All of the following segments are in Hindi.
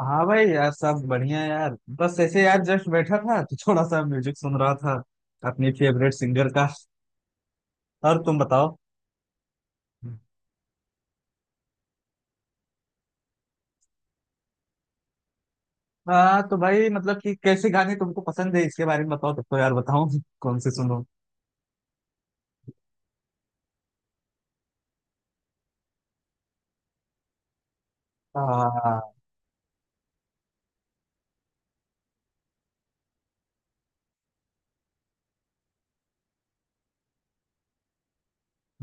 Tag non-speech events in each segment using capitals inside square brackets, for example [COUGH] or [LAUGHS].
हाँ भाई, यार सब बढ़िया, यार बस ऐसे, यार जस्ट बैठा था तो थोड़ा सा म्यूजिक सुन रहा था अपने फेवरेट सिंगर का। और तुम बताओ। हाँ तो भाई मतलब कि कैसे गाने तुमको पसंद है इसके बारे में बताओ, तब तो यार बताओ [LAUGHS] कौन से सुनो। हाँ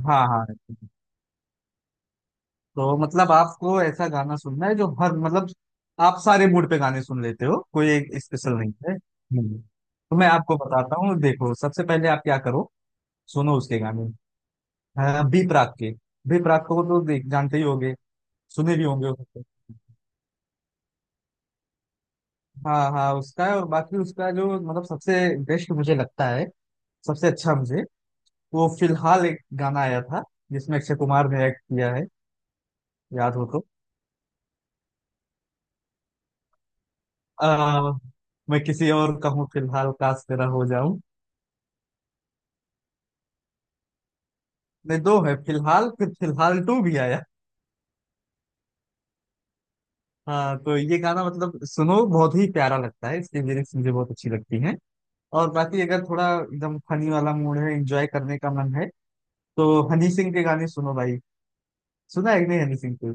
हाँ। हाँ तो मतलब आपको ऐसा गाना सुनना है जो हर मतलब आप सारे मूड पे गाने सुन लेते हो, कोई एक स्पेशल नहीं है। हम्म। तो मैं आपको बताता हूँ, देखो, सबसे पहले आप क्या करो, सुनो उसके गाने। हाँ, बी प्राक के। बी प्राक को तो देख जानते ही होगे, सुने भी होंगे, हो सकता है। हाँ हाँ, उसका है। और बाकी उसका जो मतलब सबसे बेस्ट मुझे लगता है, सबसे अच्छा मुझे, वो फिलहाल एक गाना आया था जिसमें अक्षय कुमार ने एक्ट किया है, याद हो तो। आ, मैं किसी और का हूँ फिलहाल, काश तेरा हो जाऊं। नहीं दो है, फिलहाल फिर फिलहाल टू भी आया। हाँ तो ये गाना मतलब सुनो बहुत ही प्यारा लगता है, इसकी लिरिक्स मुझे बहुत अच्छी लगती हैं। और बाकी अगर थोड़ा एकदम फनी वाला मूड है, एंजॉय करने का मन है, तो हनी सिंह के गाने सुनो भाई। सुना है कि नहीं हनी सिंह के।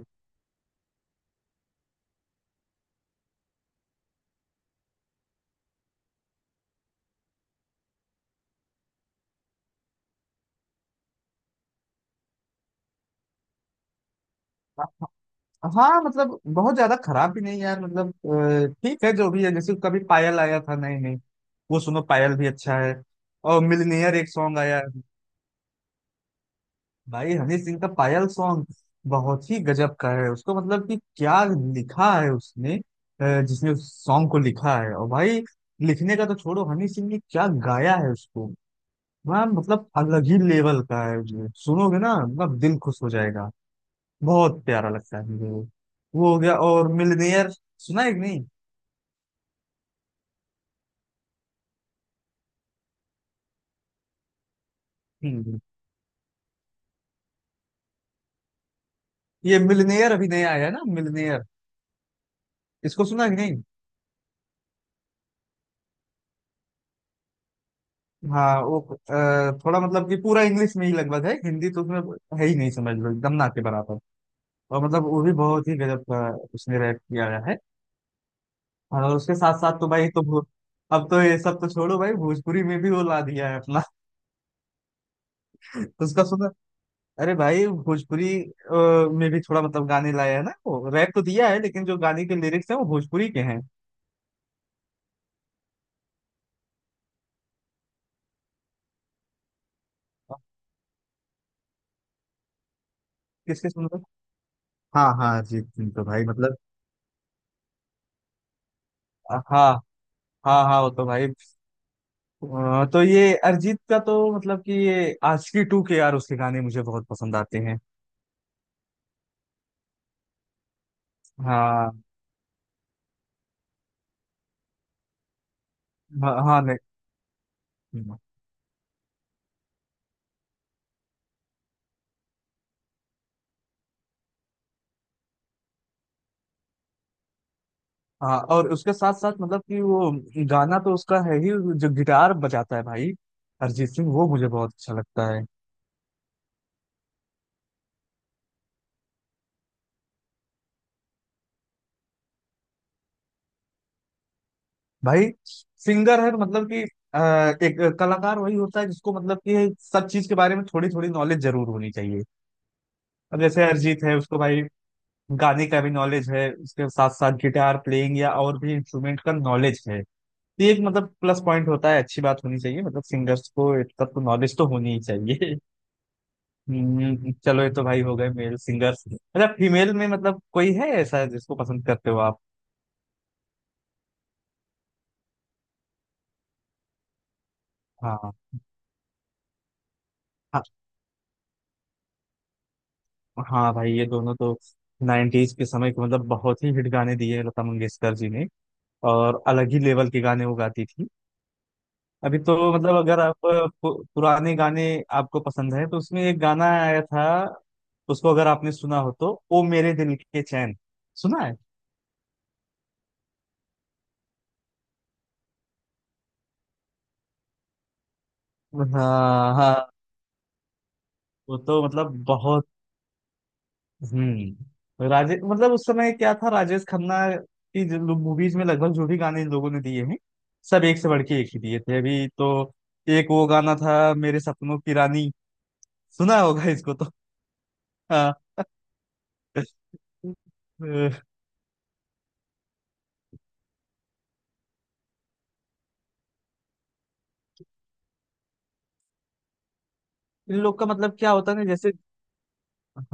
हाँ मतलब बहुत ज्यादा खराब भी नहीं यार, मतलब ठीक है जो भी है, जैसे कभी पायल आया था, नहीं नहीं, वो सुनो, पायल भी अच्छा है। और मिलनियर एक सॉन्ग आया है। भाई हनी सिंह का पायल सॉन्ग बहुत ही गजब का है। उसको मतलब कि क्या लिखा है उसने, जिसने उस सॉन्ग को लिखा है, और भाई लिखने का तो छोड़ो, हनी सिंह ने क्या गाया है उसको। वह मतलब अलग ही लेवल का है, उसमें सुनोगे ना मतलब दिल खुश हो जाएगा, बहुत प्यारा लगता है मुझे वो। वो हो गया और मिलनेयर, सुना है कि नहीं। हम्म ये मिलनेयर अभी नया आया है ना, मिलनेयर। इसको सुना है कि नहीं? हाँ वो थोड़ा मतलब कि पूरा इंग्लिश में ही लगभग है, हिंदी तो उसमें है ही नहीं समझ लो, एकदम ना के बराबर। और मतलब वो भी बहुत ही गजब का, उसने रैप किया गया है। और उसके साथ साथ तो भाई अब तो ये सब तो छोड़ो भाई, भोजपुरी में भी वो ला दिया है अपना। [LAUGHS] उसका सुना। अरे भाई भोजपुरी में भी थोड़ा मतलब गाने लाया है ना, वो रैप तो दिया है लेकिन जो गाने के लिरिक्स हैं वो भोजपुरी के हैं। आप किसके सुन रहे? हाँ हाँ, अरिजीत सिंह तो भाई मतलब। हो? हाँ। हाँ हाँ वो तो भाई, तो ये अरिजीत का तो मतलब कि ये आशिकी टू के, यार उसके गाने मुझे बहुत पसंद आते हैं। हाँ हाँ। हाँ, नहीं। हम्म, हाँ और उसके साथ साथ मतलब कि वो गाना तो उसका है ही, जो गिटार बजाता है भाई अरिजीत सिंह, वो मुझे बहुत अच्छा लगता है। भाई सिंगर है तो मतलब कि अ, एक कलाकार वही होता है जिसको मतलब कि सब चीज के बारे में थोड़ी थोड़ी नॉलेज जरूर होनी चाहिए। अब जैसे अरिजीत है, उसको भाई गाने का भी नॉलेज है, उसके साथ साथ गिटार प्लेइंग या और भी इंस्ट्रूमेंट का नॉलेज है। तो ये एक मतलब प्लस पॉइंट होता है, अच्छी बात होनी चाहिए, मतलब सिंगर्स को इतना तो नॉलेज तो होनी ही चाहिए। चलो ये तो भाई हो गए मेल सिंगर्स। अच्छा फीमेल में मतलब कोई है ऐसा जिसको पसंद करते हो आप? हाँ। हाँ भाई ये दोनों तो 90s के समय के मतलब बहुत ही हिट गाने दिए हैं लता मंगेशकर जी ने, और अलग ही लेवल के गाने वो गाती थी। अभी तो मतलब अगर आप पुराने गाने आपको पसंद है तो उसमें एक गाना आया था, उसको अगर आपने सुना हो, तो ओ मेरे दिल के चैन, सुना है। हाँ हाँ, वो तो मतलब बहुत, राजेश मतलब उस समय क्या था, राजेश खन्ना की जो मूवीज में लगभग जो भी गाने इन लोगों ने दिए हैं सब एक से बढ़ के एक ही दिए थे। अभी तो एक वो गाना था मेरे सपनों की रानी, सुना होगा इसको तो। हाँ। अ, इन लोग का मतलब क्या होता है ना, जैसे।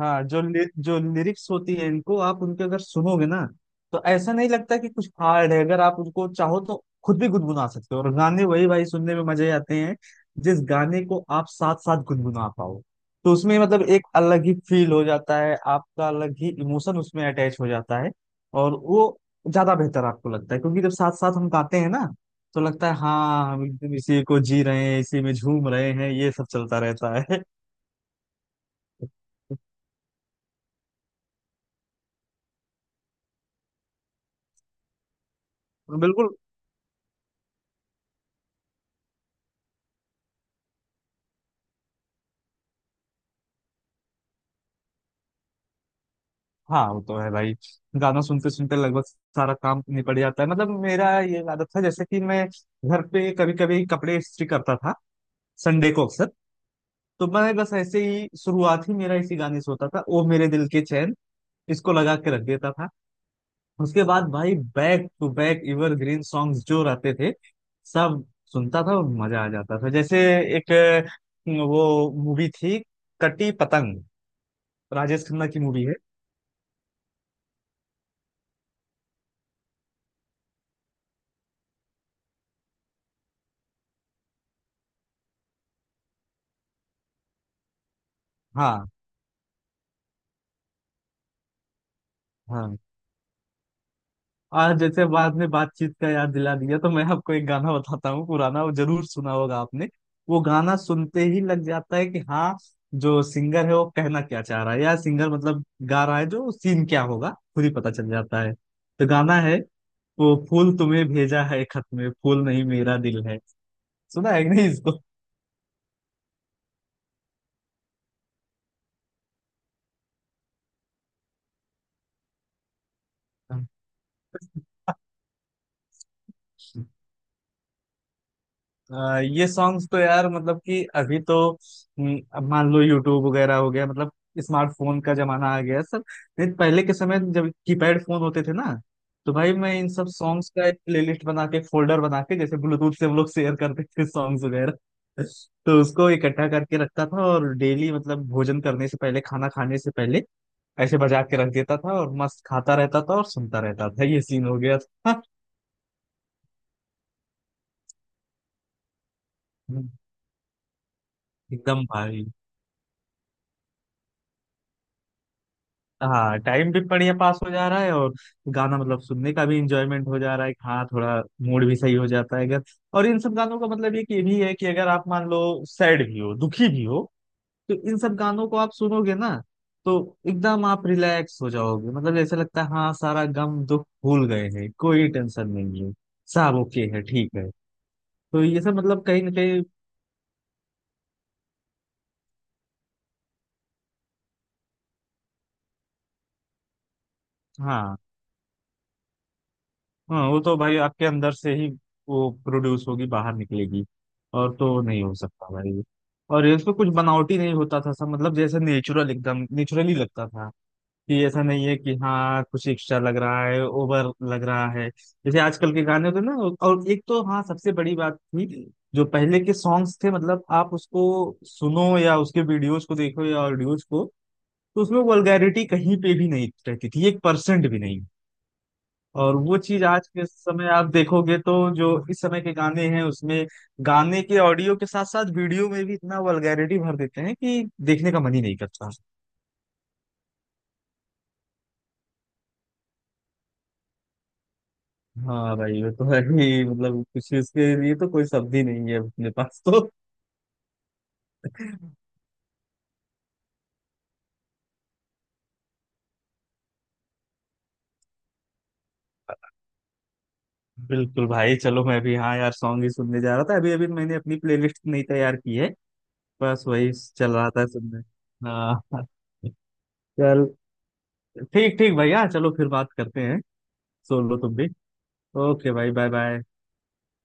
हाँ, जो लिरिक्स होती है इनको आप उनके अगर सुनोगे ना तो ऐसा नहीं लगता कि कुछ हार्ड है। अगर आप उनको चाहो तो खुद भी गुनगुना सकते हो, और गाने वही भाई सुनने में मजे आते हैं जिस गाने को आप साथ साथ गुनगुना पाओ। तो उसमें मतलब एक अलग ही फील हो जाता है आपका, अलग ही इमोशन उसमें अटैच हो जाता है। और वो ज्यादा बेहतर आपको लगता है, क्योंकि जब साथ साथ हम गाते हैं ना, तो लगता है हाँ हम एकदम इसी को जी रहे हैं, इसी में झूम रहे हैं, ये सब चलता रहता है। [LAUGHS] बिल्कुल। हाँ वो तो है भाई, गाना सुनते सुनते लगभग सारा काम निपट जाता है। मतलब मेरा ये आदत था, जैसे कि मैं घर पे कभी कभी कपड़े इस्त्री करता था, संडे को अक्सर। तो मैं बस ऐसे ही, शुरुआत ही मेरा इसी गाने से होता था, ओ मेरे दिल के चैन, इसको लगा के रख देता था। उसके बाद भाई back to back green songs जो रहते थे सब सुनता था, और मजा आ जाता था। जैसे एक, वो मूवी थी कटी पतंग, राजेश खन्ना की मूवी है। हाँ हाँ। आज जैसे बाद में बातचीत का याद दिला दिया, तो मैं आपको एक गाना बताता हूँ पुराना, वो जरूर सुना होगा आपने। वो गाना सुनते ही लग जाता है कि हाँ, जो सिंगर है वो कहना क्या चाह रहा है, या सिंगर मतलब गा रहा है, जो सीन क्या होगा खुद ही पता चल जाता है। तो गाना है, वो फूल तुम्हें भेजा है खत में, फूल नहीं मेरा दिल है। सुना है कि नहीं इसको? ये सॉन्ग्स तो यार मतलब कि अभी तो, अब मान लो यूट्यूब वगैरह हो गया, मतलब स्मार्टफोन का जमाना आ गया सब। नहीं पहले के समय जब कीपैड फोन होते थे ना, तो भाई मैं इन सब सॉन्ग्स का एक प्लेलिस्ट बना के, फोल्डर बना के, जैसे ब्लूटूथ से हम लोग शेयर करते थे सॉन्ग्स वगैरह, तो उसको इकट्ठा करके रखता था। और डेली मतलब भोजन करने से पहले, खाना खाने से पहले ऐसे बजा के रख देता था, और मस्त खाता रहता था और सुनता रहता था। ये सीन हो गया था। [LAUGHS] एकदम भाई। हाँ टाइम भी बढ़िया पास हो जा रहा है, और गाना मतलब सुनने का भी इंजॉयमेंट हो जा रहा है, हाँ थोड़ा मूड भी सही हो जाता है अगर। और इन सब गानों का मतलब ये कि ये भी है कि अगर आप मान लो सैड भी हो, दुखी भी हो, तो इन सब गानों को आप सुनोगे ना, तो एकदम आप रिलैक्स हो जाओगे, मतलब ऐसा लगता है हाँ सारा गम दुख भूल गए हैं, कोई टेंशन नहीं है, सब ओके है, ठीक है। तो ये सब मतलब कहीं ना कहीं। हाँ हाँ, वो तो भाई आपके अंदर से ही वो प्रोड्यूस होगी, बाहर निकलेगी। और तो नहीं हो सकता भाई। और इसमें कुछ बनावटी नहीं होता था, सब मतलब जैसे नेचुरल, एकदम नेचुरली लगता था। कि ऐसा नहीं है कि हाँ कुछ एक्स्ट्रा लग रहा है, ओवर लग रहा है, जैसे आजकल के गाने होते हैं ना। और एक तो हाँ सबसे बड़ी बात थी, जो पहले के सॉन्ग्स थे मतलब आप उसको सुनो या उसके वीडियोज को देखो या ऑडियोज को, तो उसमें वल्गैरिटी कहीं पे भी नहीं रहती थी, 1% भी नहीं। और वो चीज आज के समय आप देखोगे, तो जो इस समय के गाने हैं उसमें गाने के ऑडियो के साथ साथ वीडियो में भी इतना वल्गैरिटी भर देते हैं कि देखने का मन ही नहीं करता। हाँ भाई वो तो है ही, मतलब कुछ इसके लिए तो कोई शब्द ही नहीं है अपने पास तो। बिल्कुल भाई, चलो मैं भी, हाँ यार सॉन्ग ही सुनने जा रहा था अभी अभी, मैंने अपनी प्लेलिस्ट नहीं तैयार की है, बस वही चल रहा था सुनने। हाँ चल, ठीक ठीक भैया, चलो फिर बात करते हैं, सुन लो तुम भी। ओके भाई, बाय बाय।